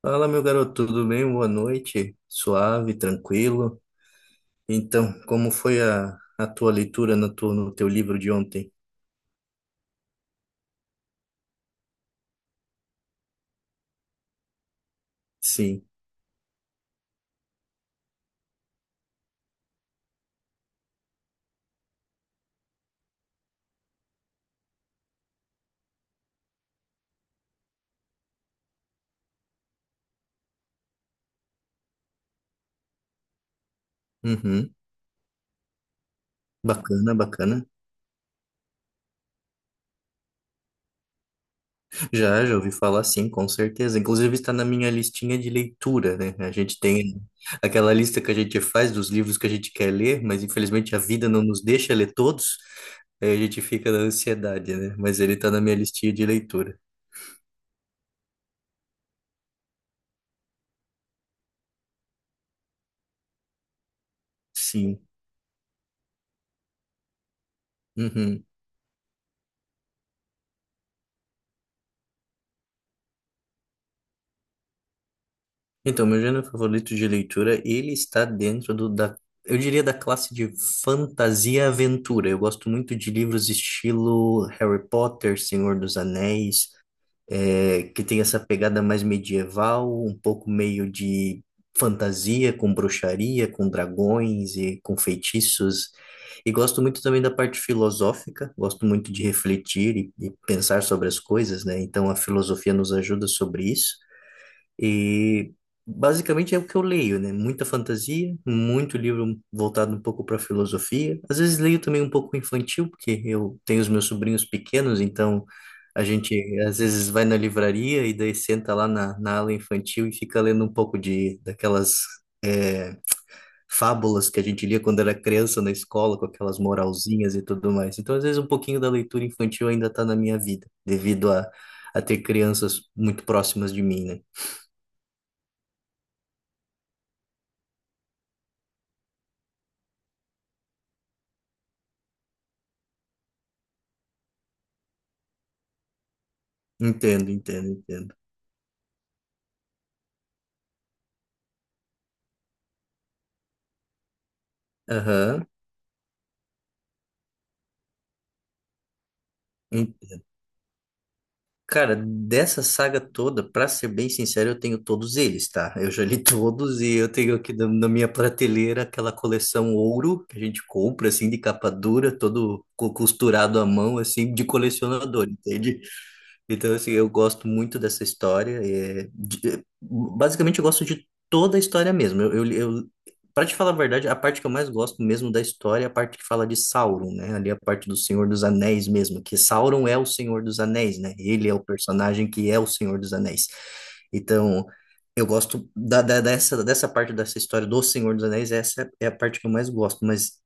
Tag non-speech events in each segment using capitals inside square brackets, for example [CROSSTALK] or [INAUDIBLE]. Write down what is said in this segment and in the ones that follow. Fala, meu garoto, tudo bem? Boa noite. Suave, tranquilo. Então, como foi a tua leitura no teu livro de ontem? Sim. Uhum. Bacana, bacana. Já, já ouvi falar, sim, com certeza. Inclusive está na minha listinha de leitura, né? A gente tem aquela lista que a gente faz dos livros que a gente quer ler, mas infelizmente a vida não nos deixa ler todos. Aí a gente fica na ansiedade, né? Mas ele está na minha listinha de leitura. Sim. Uhum. Então, meu gênero favorito de leitura, ele está dentro da, eu diria, da classe de fantasia e aventura. Eu gosto muito de livros estilo Harry Potter, Senhor dos Anéis, que tem essa pegada mais medieval, um pouco meio de fantasia, com bruxaria, com dragões e com feitiços. E gosto muito também da parte filosófica, gosto muito de refletir e pensar sobre as coisas, né? Então, a filosofia nos ajuda sobre isso. E basicamente é o que eu leio, né? Muita fantasia, muito livro voltado um pouco para filosofia. Às vezes leio também um pouco infantil, porque eu tenho os meus sobrinhos pequenos, então a gente às vezes vai na livraria e daí senta lá na ala infantil e fica lendo um pouco de daquelas é, fábulas que a gente lia quando era criança na escola, com aquelas moralzinhas e tudo mais. Então, às vezes, um pouquinho da leitura infantil ainda está na minha vida, devido a ter crianças muito próximas de mim, né? Entendo, entendo, entendo. Aham. En- Cara, dessa saga toda, pra ser bem sincero, eu tenho todos eles, tá? Eu já li [LAUGHS] todos e eu tenho aqui na minha prateleira aquela coleção ouro que a gente compra, assim, de capa dura, todo costurado à mão, assim, de colecionador, entende? Então, assim, eu gosto muito dessa história. Basicamente, eu gosto de toda a história mesmo. Eu, para te falar a verdade, a parte que eu mais gosto mesmo da história é a parte que fala de Sauron, né? Ali a parte do Senhor dos Anéis mesmo, que Sauron é o Senhor dos Anéis, né? Ele é o personagem que é o Senhor dos Anéis. Então, eu gosto da dessa parte dessa história do Senhor dos Anéis, essa é a parte que eu mais gosto. Mas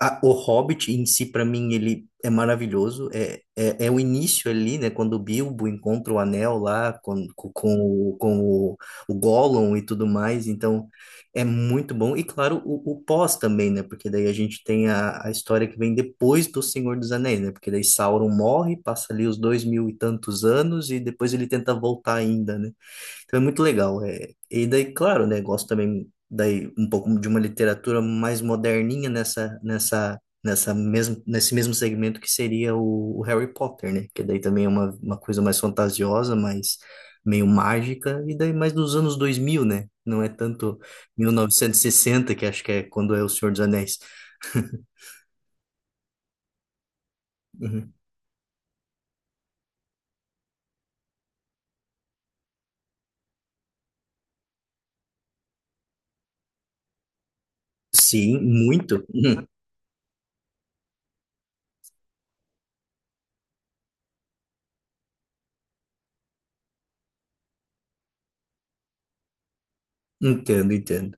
o Hobbit em si, para mim, ele é maravilhoso. É o início ali, né? Quando o Bilbo encontra o anel lá com o Gollum e tudo mais. Então, é muito bom. E, claro, o pós também, né? Porque daí a gente tem a história que vem depois do Senhor dos Anéis, né? Porque daí Sauron morre, passa ali os dois mil e tantos anos e depois ele tenta voltar ainda, né? Então é muito legal. É. E daí, claro, né, gosto também daí um pouco de uma literatura mais moderninha nesse mesmo segmento que seria o Harry Potter, né? Que daí também é uma coisa mais fantasiosa, mais meio mágica, e daí mais dos anos dois mil, né? Não é tanto mil novecentos e sessenta, que acho que é quando é O Senhor dos Anéis. [LAUGHS] Uhum. Sim, muito. Uhum. Entendo, entendo.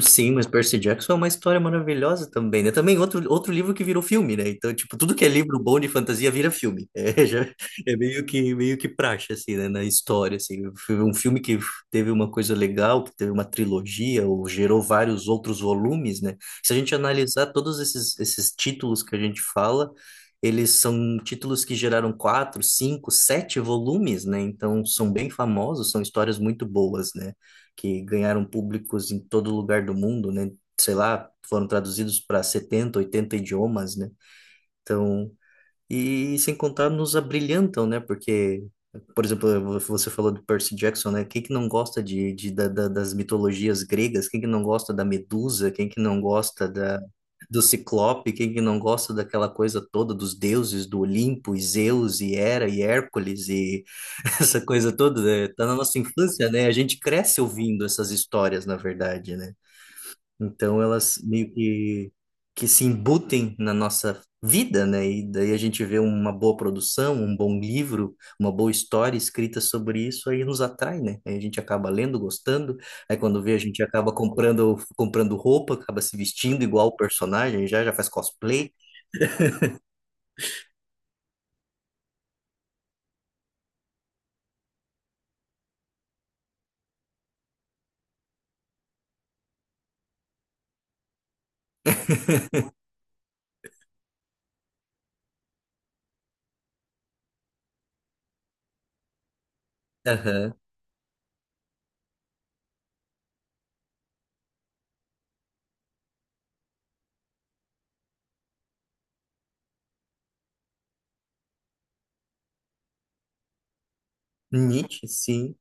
Sim, mas Percy Jackson é uma história maravilhosa também, né? Também outro, outro livro que virou filme, né? Então, tipo, tudo que é livro bom de fantasia vira filme. [LAUGHS] É, já, é meio que praxe, assim, né? Na história, assim. Foi um filme que teve uma coisa legal, que teve uma trilogia, ou gerou vários outros volumes, né? Se a gente analisar todos esses títulos que a gente fala, eles são títulos que geraram quatro, cinco, sete volumes, né? Então, são bem famosos, são histórias muito boas, né? Que ganharam públicos em todo lugar do mundo, né? Sei lá, foram traduzidos para 70, 80 idiomas, né? Então, e sem contar nos abrilhantam, né? Porque, por exemplo, você falou do Percy Jackson, né? Quem que não gosta das mitologias gregas? Quem que não gosta da Medusa? Quem que não gosta do Ciclope? Quem que não gosta daquela coisa toda dos deuses do Olimpo, e Zeus, e Hera, e Hércules, e [LAUGHS] essa coisa toda, né? Tá na nossa infância, né? A gente cresce ouvindo essas histórias, na verdade, né? Então elas meio que se embutem na nossa vida, né? E daí a gente vê uma boa produção, um bom livro, uma boa história escrita sobre isso, aí nos atrai, né? Aí a gente acaba lendo, gostando. Aí quando vê, a gente acaba comprando, comprando roupa, acaba se vestindo igual o personagem, já já faz cosplay. Aham. Nietzsche, sim.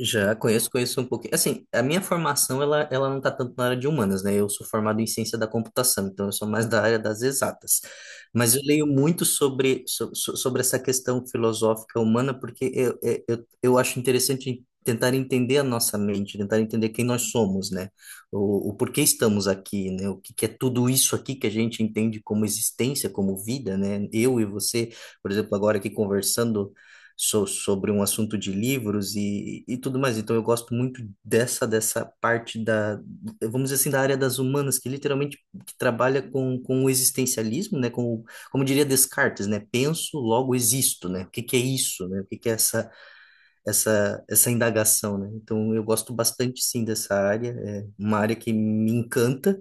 Já conheço, conheço um pouquinho. Assim, a minha formação, ela não está tanto na área de humanas, né? Eu sou formado em ciência da computação, então eu sou mais da área das exatas. Mas eu leio muito sobre essa questão filosófica humana, porque eu acho interessante tentar entender a nossa mente, tentar entender quem nós somos, né? O porquê estamos aqui, né? O que, que é tudo isso aqui que a gente entende como existência, como vida, né? Eu e você, por exemplo, agora aqui conversando sobre um assunto de livros e tudo mais. Então eu gosto muito dessa parte da, vamos dizer assim, da área das humanas, que literalmente que trabalha com o existencialismo, né? Como diria Descartes, né? Penso, logo existo, né? O que que é isso, né? O que que é essa indagação, né? Então, eu gosto bastante, sim, dessa área. É uma área que me encanta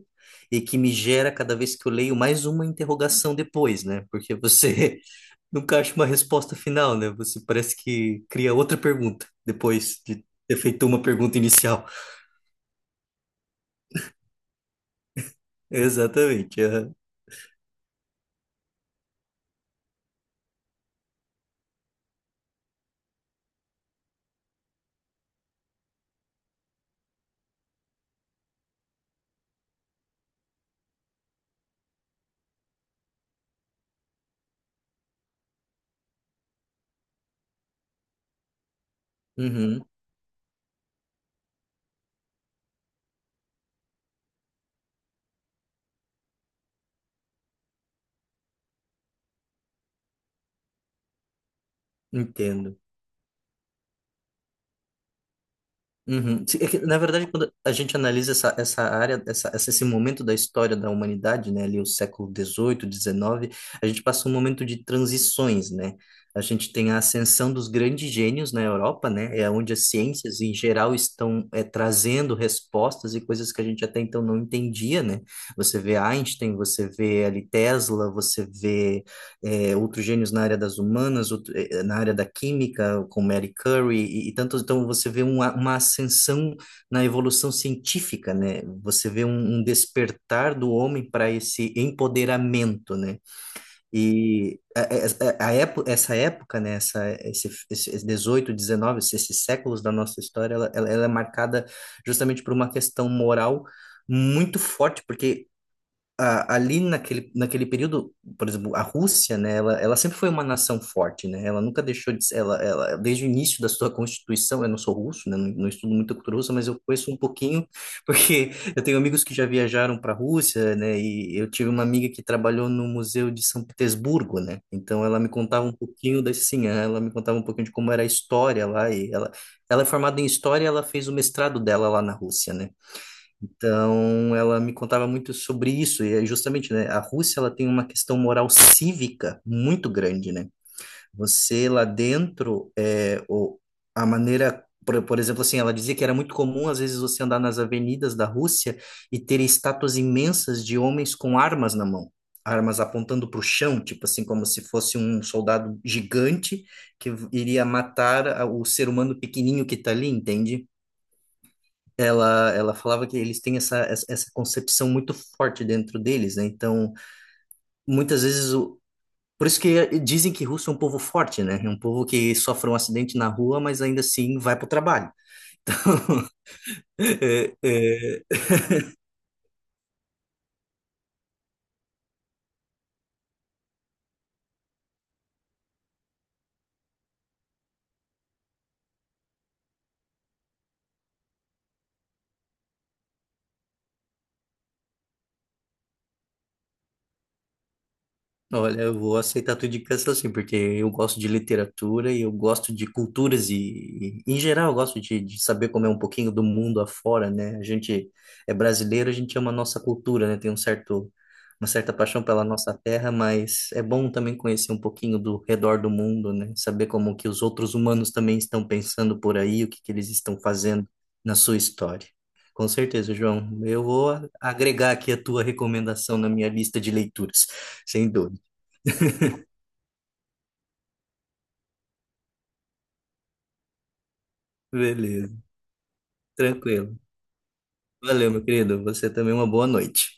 e que me gera, cada vez que eu leio, mais uma interrogação depois, né? Porque você [LAUGHS] nunca acha uma resposta final, né? Você parece que cria outra pergunta depois de ter feito uma pergunta inicial. [LAUGHS] Exatamente. Aham. Uhum, entendo. Uhum. Sim, é que, na verdade, quando a gente analisa essa, essa área, essa- esse momento da história da humanidade, né, ali o século dezoito, XIX, a gente passa um momento de transições, né? A gente tem a ascensão dos grandes gênios na Europa, né? É onde as ciências em geral estão trazendo respostas e coisas que a gente até então não entendia, né? Você vê Einstein, você vê ali Tesla, você vê outros gênios na área das humanas, na área da química, com Mary Curie e tantos. Então, você vê uma ascensão na evolução científica, né? Você vê um, um despertar do homem para esse empoderamento, né? E essa época, né? Essa, esse 18, 19, esses séculos da nossa história, ela é marcada justamente por uma questão moral muito forte, porque ali naquele período, por exemplo, a Rússia, né, ela sempre foi uma nação forte, né, ela nunca deixou de ser, desde o início da sua Constituição. Eu não sou russo, né, não, não estudo muito a cultura russa, mas eu conheço um pouquinho, [LAUGHS] porque eu tenho amigos que já viajaram para a Rússia, né, e eu tive uma amiga que trabalhou no Museu de São Petersburgo, né, então ela me contava um pouquinho da, sim, ela me contava um pouquinho de como era a história lá, e ela é formada em História, ela fez o mestrado dela lá na Rússia, né, então, ela me contava muito sobre isso, e é justamente, né, a Rússia, ela tem uma questão moral cívica muito grande, né? Você lá dentro, é, o, a maneira, por exemplo, assim, ela dizia que era muito comum, às vezes, você andar nas avenidas da Rússia e ter estátuas imensas de homens com armas na mão. Armas apontando para o chão, tipo assim, como se fosse um soldado gigante que iria matar o ser humano pequenininho que está ali, entende? Ela falava que eles têm essa essa concepção muito forte dentro deles, né? Então, muitas vezes, o... por isso que dizem que russo é um povo forte, né? É um povo que sofre um acidente na rua, mas ainda assim vai para o trabalho. [LAUGHS] É, é, Olha, eu vou aceitar a tua indicação assim, porque eu gosto de literatura e eu gosto de culturas em geral, eu gosto de saber como é um pouquinho do mundo afora, né? A gente é brasileiro, a gente ama a nossa cultura, né? Tem um certo, uma certa paixão pela nossa terra, mas é bom também conhecer um pouquinho do redor do mundo, né? Saber como que os outros humanos também estão pensando por aí, o que que eles estão fazendo na sua história. Com certeza, João. Eu vou agregar aqui a tua recomendação na minha lista de leituras. [LAUGHS] Sem dúvida. Beleza, tranquilo. Valeu, meu querido. Você também uma boa noite.